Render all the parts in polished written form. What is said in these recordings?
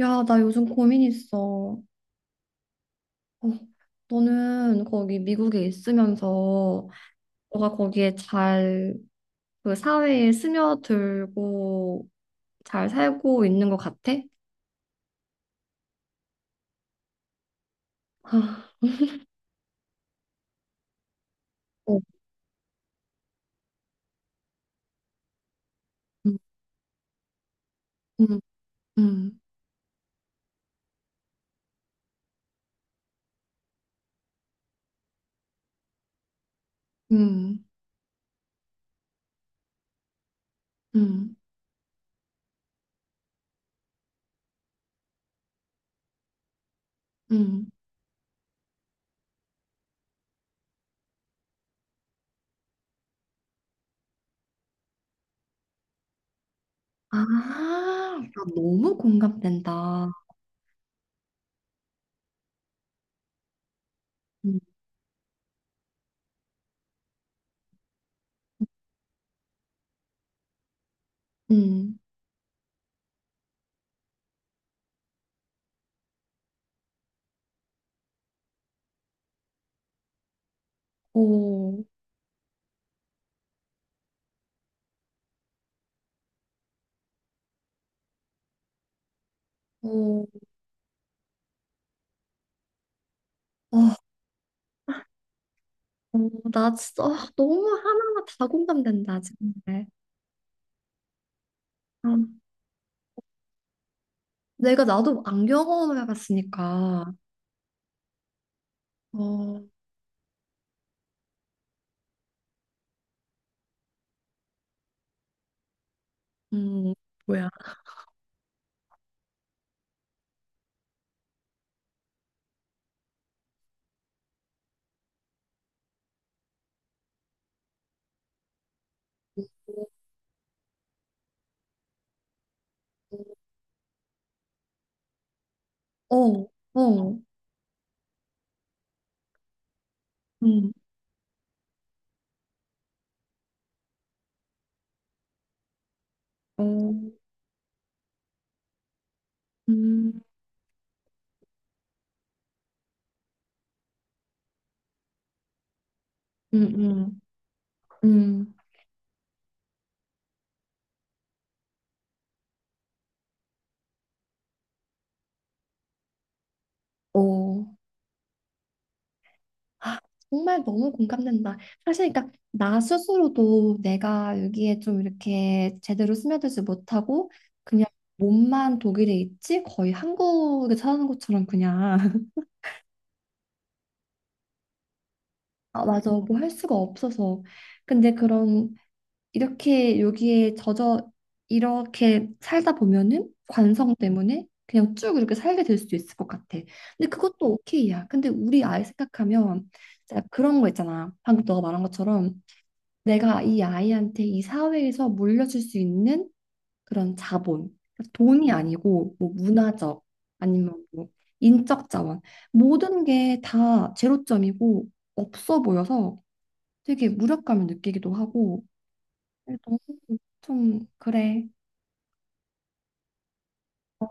야, 나 요즘 고민 있어. 어, 너는 거기 미국에 있으면서 너가 거기에 잘 그 사회에 스며들고 잘 살고 있는 것 같아? 아, 어, 음, 음, 음, 음, 음, 음. 아, 나 너무 공감된다. 음, 음. 오, 오, 어, 어, 나 진짜 아, 너무 하나하나 다 공감된다, 정말. 아. 내가 나도 안 경험해봤으니까. 어, 음, 뭐야. 어, 어, 음, 어, 음, 음, 음, 어. 아, 정말 너무 공감된다. 사실, 그러니까 나 스스로도 내가 여기에 좀 이렇게 제대로 스며들지 못하고 그냥 몸만 독일에 있지 거의 한국에 사는 것처럼 그냥 아, 맞아. 뭐 할 수가 없어서. 근데 그런 이렇게 여기에 젖어 이렇게 살다 보면은 관성 때문에 그냥 쭉 이렇게 살게 될 수도 있을 것 같아. 근데 그것도 오케이야. 근데 우리 아이 생각하면 진짜 그런 거 있잖아. 방금 너가 말한 것처럼 내가 이 아이한테 이 사회에서 물려줄 수 있는 그런 자본, 돈이 아니고 뭐 문화적 아니면 뭐 인적 자원 모든 게 다 제로점이고 없어 보여서 되게 무력감을 느끼기도 하고. 좀 그래. 어,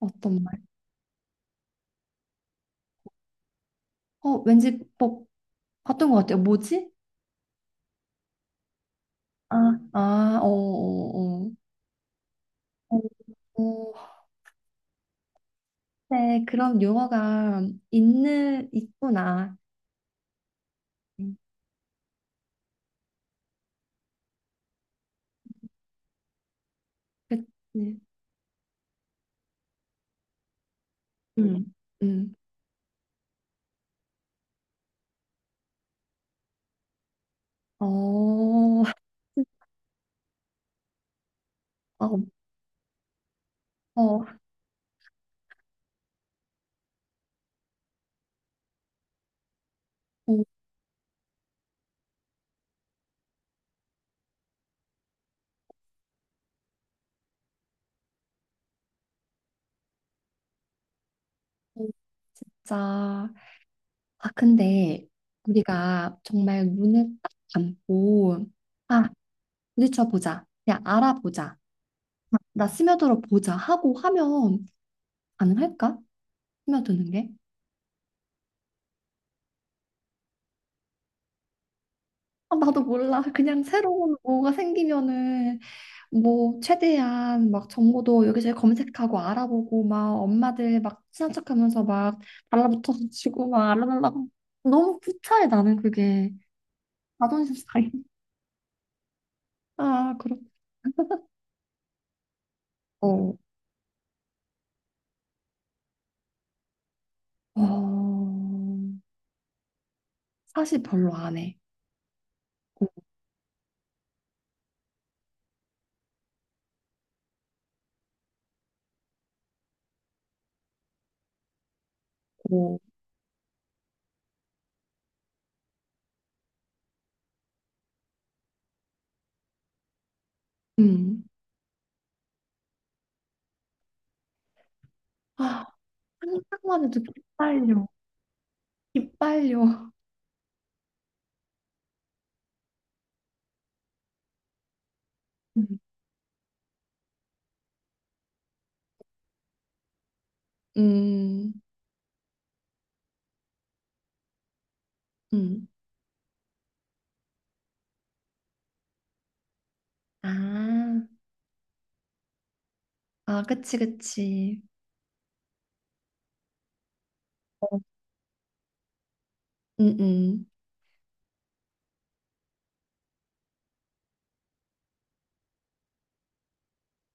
어떤 말? 어, 왠지 뭐 봤던 것 같아요. 뭐지? 아, 아, 어, 어, 어. 어, 어, 네, 그런 용어가 있는 있구나. 음, 그치? 음, 음. 어, 어, 어, 어, 진짜. 아, 근데 우리가 정말 눈을 딱 감고 아, 부딪혀 보자. 그냥 알아보자. 아, 나 스며들어 보자 하고 하면 가능할까? 스며드는 게? 아, 나도 몰라. 그냥 새로운 뭐가 생기면은 뭐 최대한 막 정보도 여기저기 검색하고 알아보고 막 엄마들 막 친한 척하면서 막 달라붙어가지고 막 알아달라고 너무 구차해 나는 그게 자존심 상해. 아, 그렇고 어, 어, 사실 별로 안 해. 그리고 음. 아, 생각만 해도 기빨려. 기빨려. 음. 음. 음. 아, 아, 그치, 그치. 응응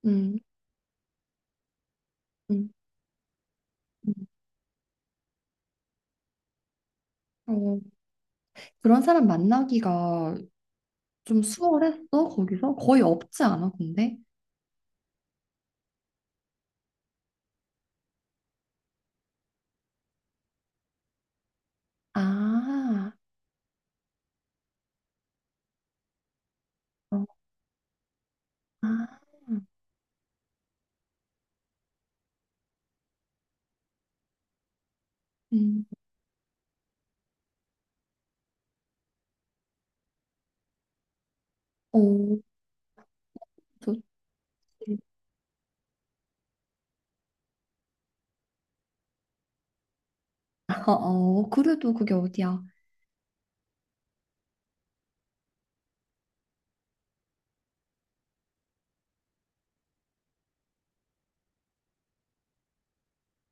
응응 어, 그런 사람 만나기가 좀 수월했어, 거기서? 거의 없지 않아, 근데? 아, 어, 아, 음, 오, 좋지. 어, 어, 그래도 그게 어디야?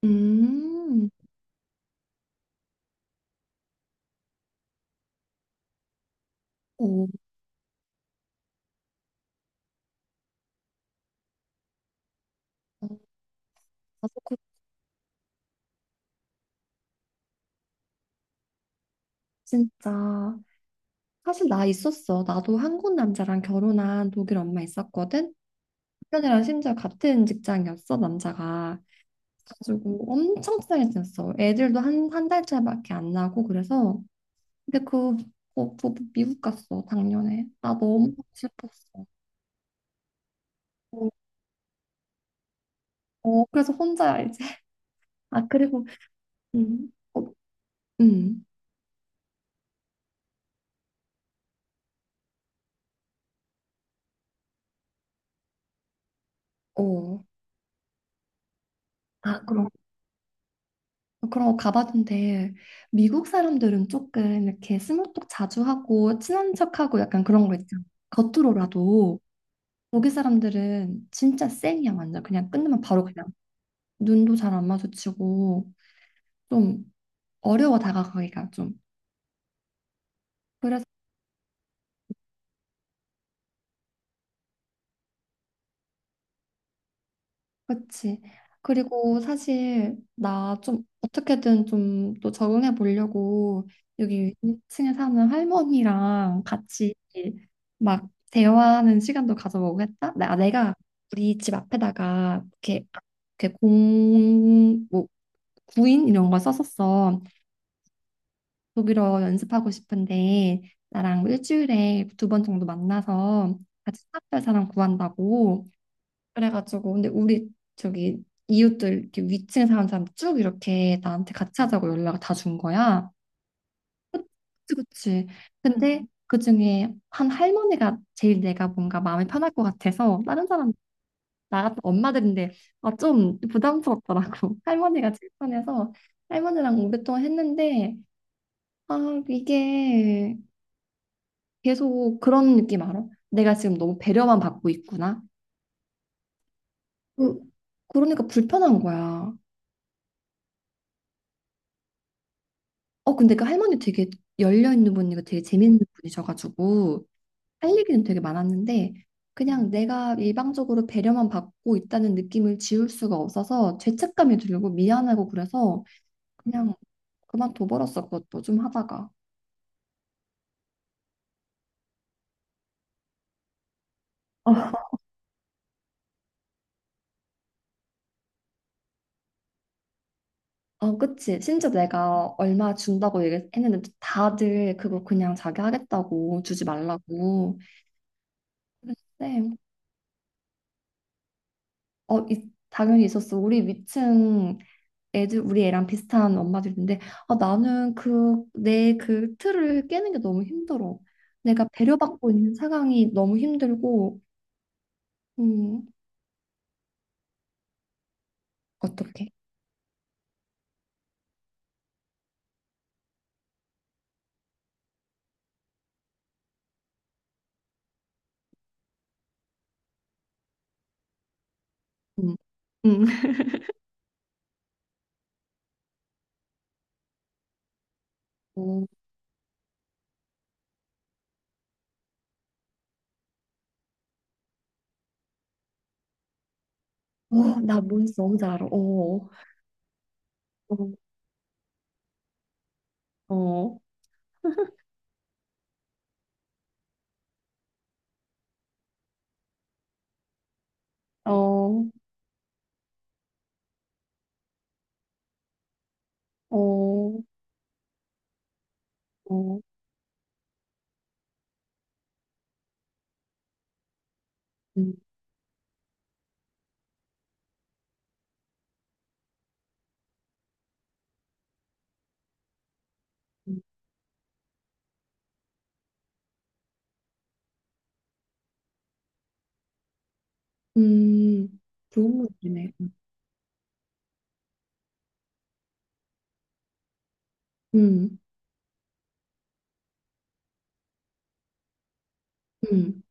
음, 오, 어, 나도 그 진짜. 사실 나 있었어. 나도 한국 남자랑 결혼한 독일 엄마 있었거든? 남편이랑 심지어 같은 직장이었어, 남자가. 가지고 엄청 친하게 지냈어. 애들도 한, 한 달 차이밖에 안 나고 그래서 근데 그 부부 미국 갔어 작년에. 나 너무 슬펐어. 어, 어, 그래서 혼자야 이제. 아, 그리고 어, 음, 어. 아, 그럼 그런 거 가봤는데 미국 사람들은 조금 이렇게 스몰톡 자주 하고 친한 척하고 약간 그런 거 있잖아. 겉으로라도 거기 사람들은 진짜 쌩이야 완전 그냥 끝나면 바로 그냥 눈도 잘 안 마주치고 좀 어려워 다가가기가 좀 그래서 그치 그리고 사실 나 좀 어떻게든 좀 또 적응해 보려고 여기 2층에 사는 할머니랑 같이 막 대화하는 시간도 가져보고 했다 나 아, 내가 우리 집 앞에다가 이렇게 이렇게 공뭐 구인 이런 걸 썼었어 독일어 연습하고 싶은데 나랑 일주일에 두 번 정도 만나서 같이 수업할 사람 구한다고 그래가지고 근데 우리 저기 이웃들 이렇게 위층에 사는 사람 쭉 이렇게 나한테 같이 하자고 연락을 다 준 거야. 그치, 그치. 근데 그중에 한 할머니가 제일 내가 뭔가 마음이 편할 것 같아서 다른 사람 나 같은 엄마들인데 아, 좀 부담스럽더라고. 할머니가 제일 편해서 할머니랑 오랫동안 했는데 아, 이게 계속 그런 느낌 알아? 내가 지금 너무 배려만 받고 있구나. 그- 그러니까 불편한 거야. 어, 근데 그 할머니 되게 열려있는 분이고 되게 재밌는 분이셔가지고 할 얘기는 되게 많았는데 그냥 내가 일방적으로 배려만 받고 있다는 느낌을 지울 수가 없어서 죄책감이 들고 미안하고 그래서 그냥 그만둬버렸어 그것도 좀 하다가 어, 어, 그치 심지어 내가 얼마 준다고 얘기했는데 다들 그거 그냥 자기 하겠다고 주지 말라고 그랬는데 어, 당연히 있었어 우리 위층 애들 우리 애랑 비슷한 엄마들 있는데 아, 나는 그 내 그 틀을 깨는 게 너무 힘들어. 내가 배려받고 있는 상황이 너무 힘들고 음 어떡해? 음. 음. 어, 어, 나 뭔지 너무 잘 알아. 어, 어, 어, 어, 어, 어, 음, 음, 음. 좋은 문제네. 음, 음.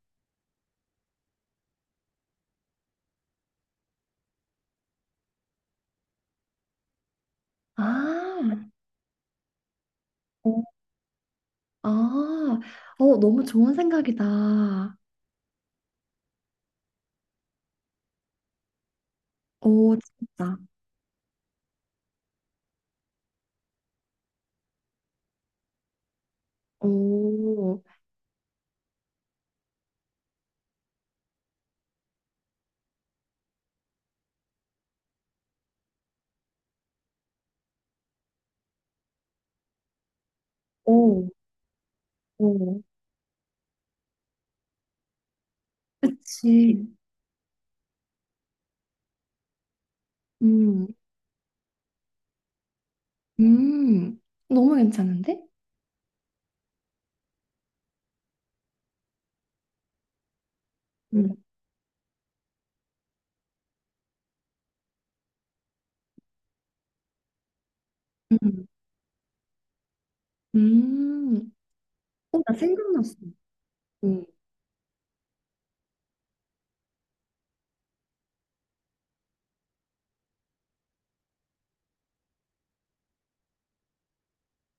아, 어, 아, 어, 너무 좋은 생각이다. 오, 진짜. 오. 오, 오. 그치. 음, 음. 너무 괜찮은데? 음, 음. 음, 음. 어, 나 생각났어. 음,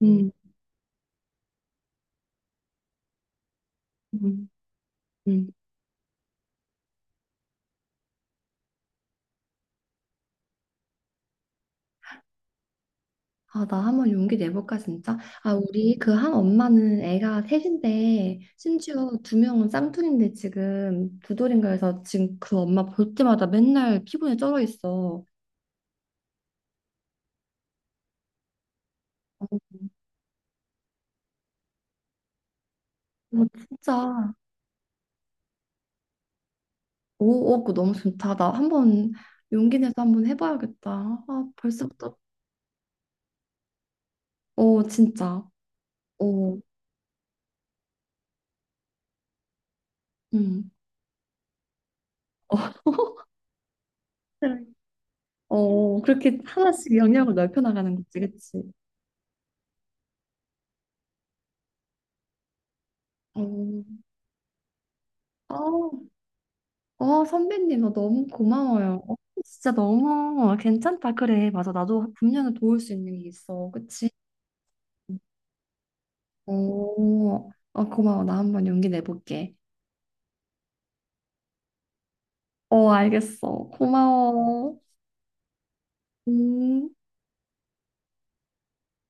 음. 음, 음, 음. 아, 나 한번 용기 내볼까, 진짜? 아, 우리 그 한 엄마는 애가 셋인데, 심지어 두 명은 쌍둥이인데 지금 두 돌인가 해서 지금 그 엄마 볼 때마다 맨날 피곤에 쩔어 있어. 어, 진짜. 오, 오, 그거 너무 좋다. 나 한번 용기 내서 한번 해봐야겠다. 아, 벌써부터 어, 진짜. 어, 음. 어, 어, 그렇게 하나씩 영역을 넓혀 나가는 거지, 그치? 어, 어, 어, 선배님, 너 너무 고마워요. 어, 진짜 너무 괜찮다. 그래, 맞아. 나도 분명히 도울 수 있는 게 있어. 그치? 어, 어, 고마워. 나 한번 용기 내볼게. 어, 알겠어. 고마워. 음.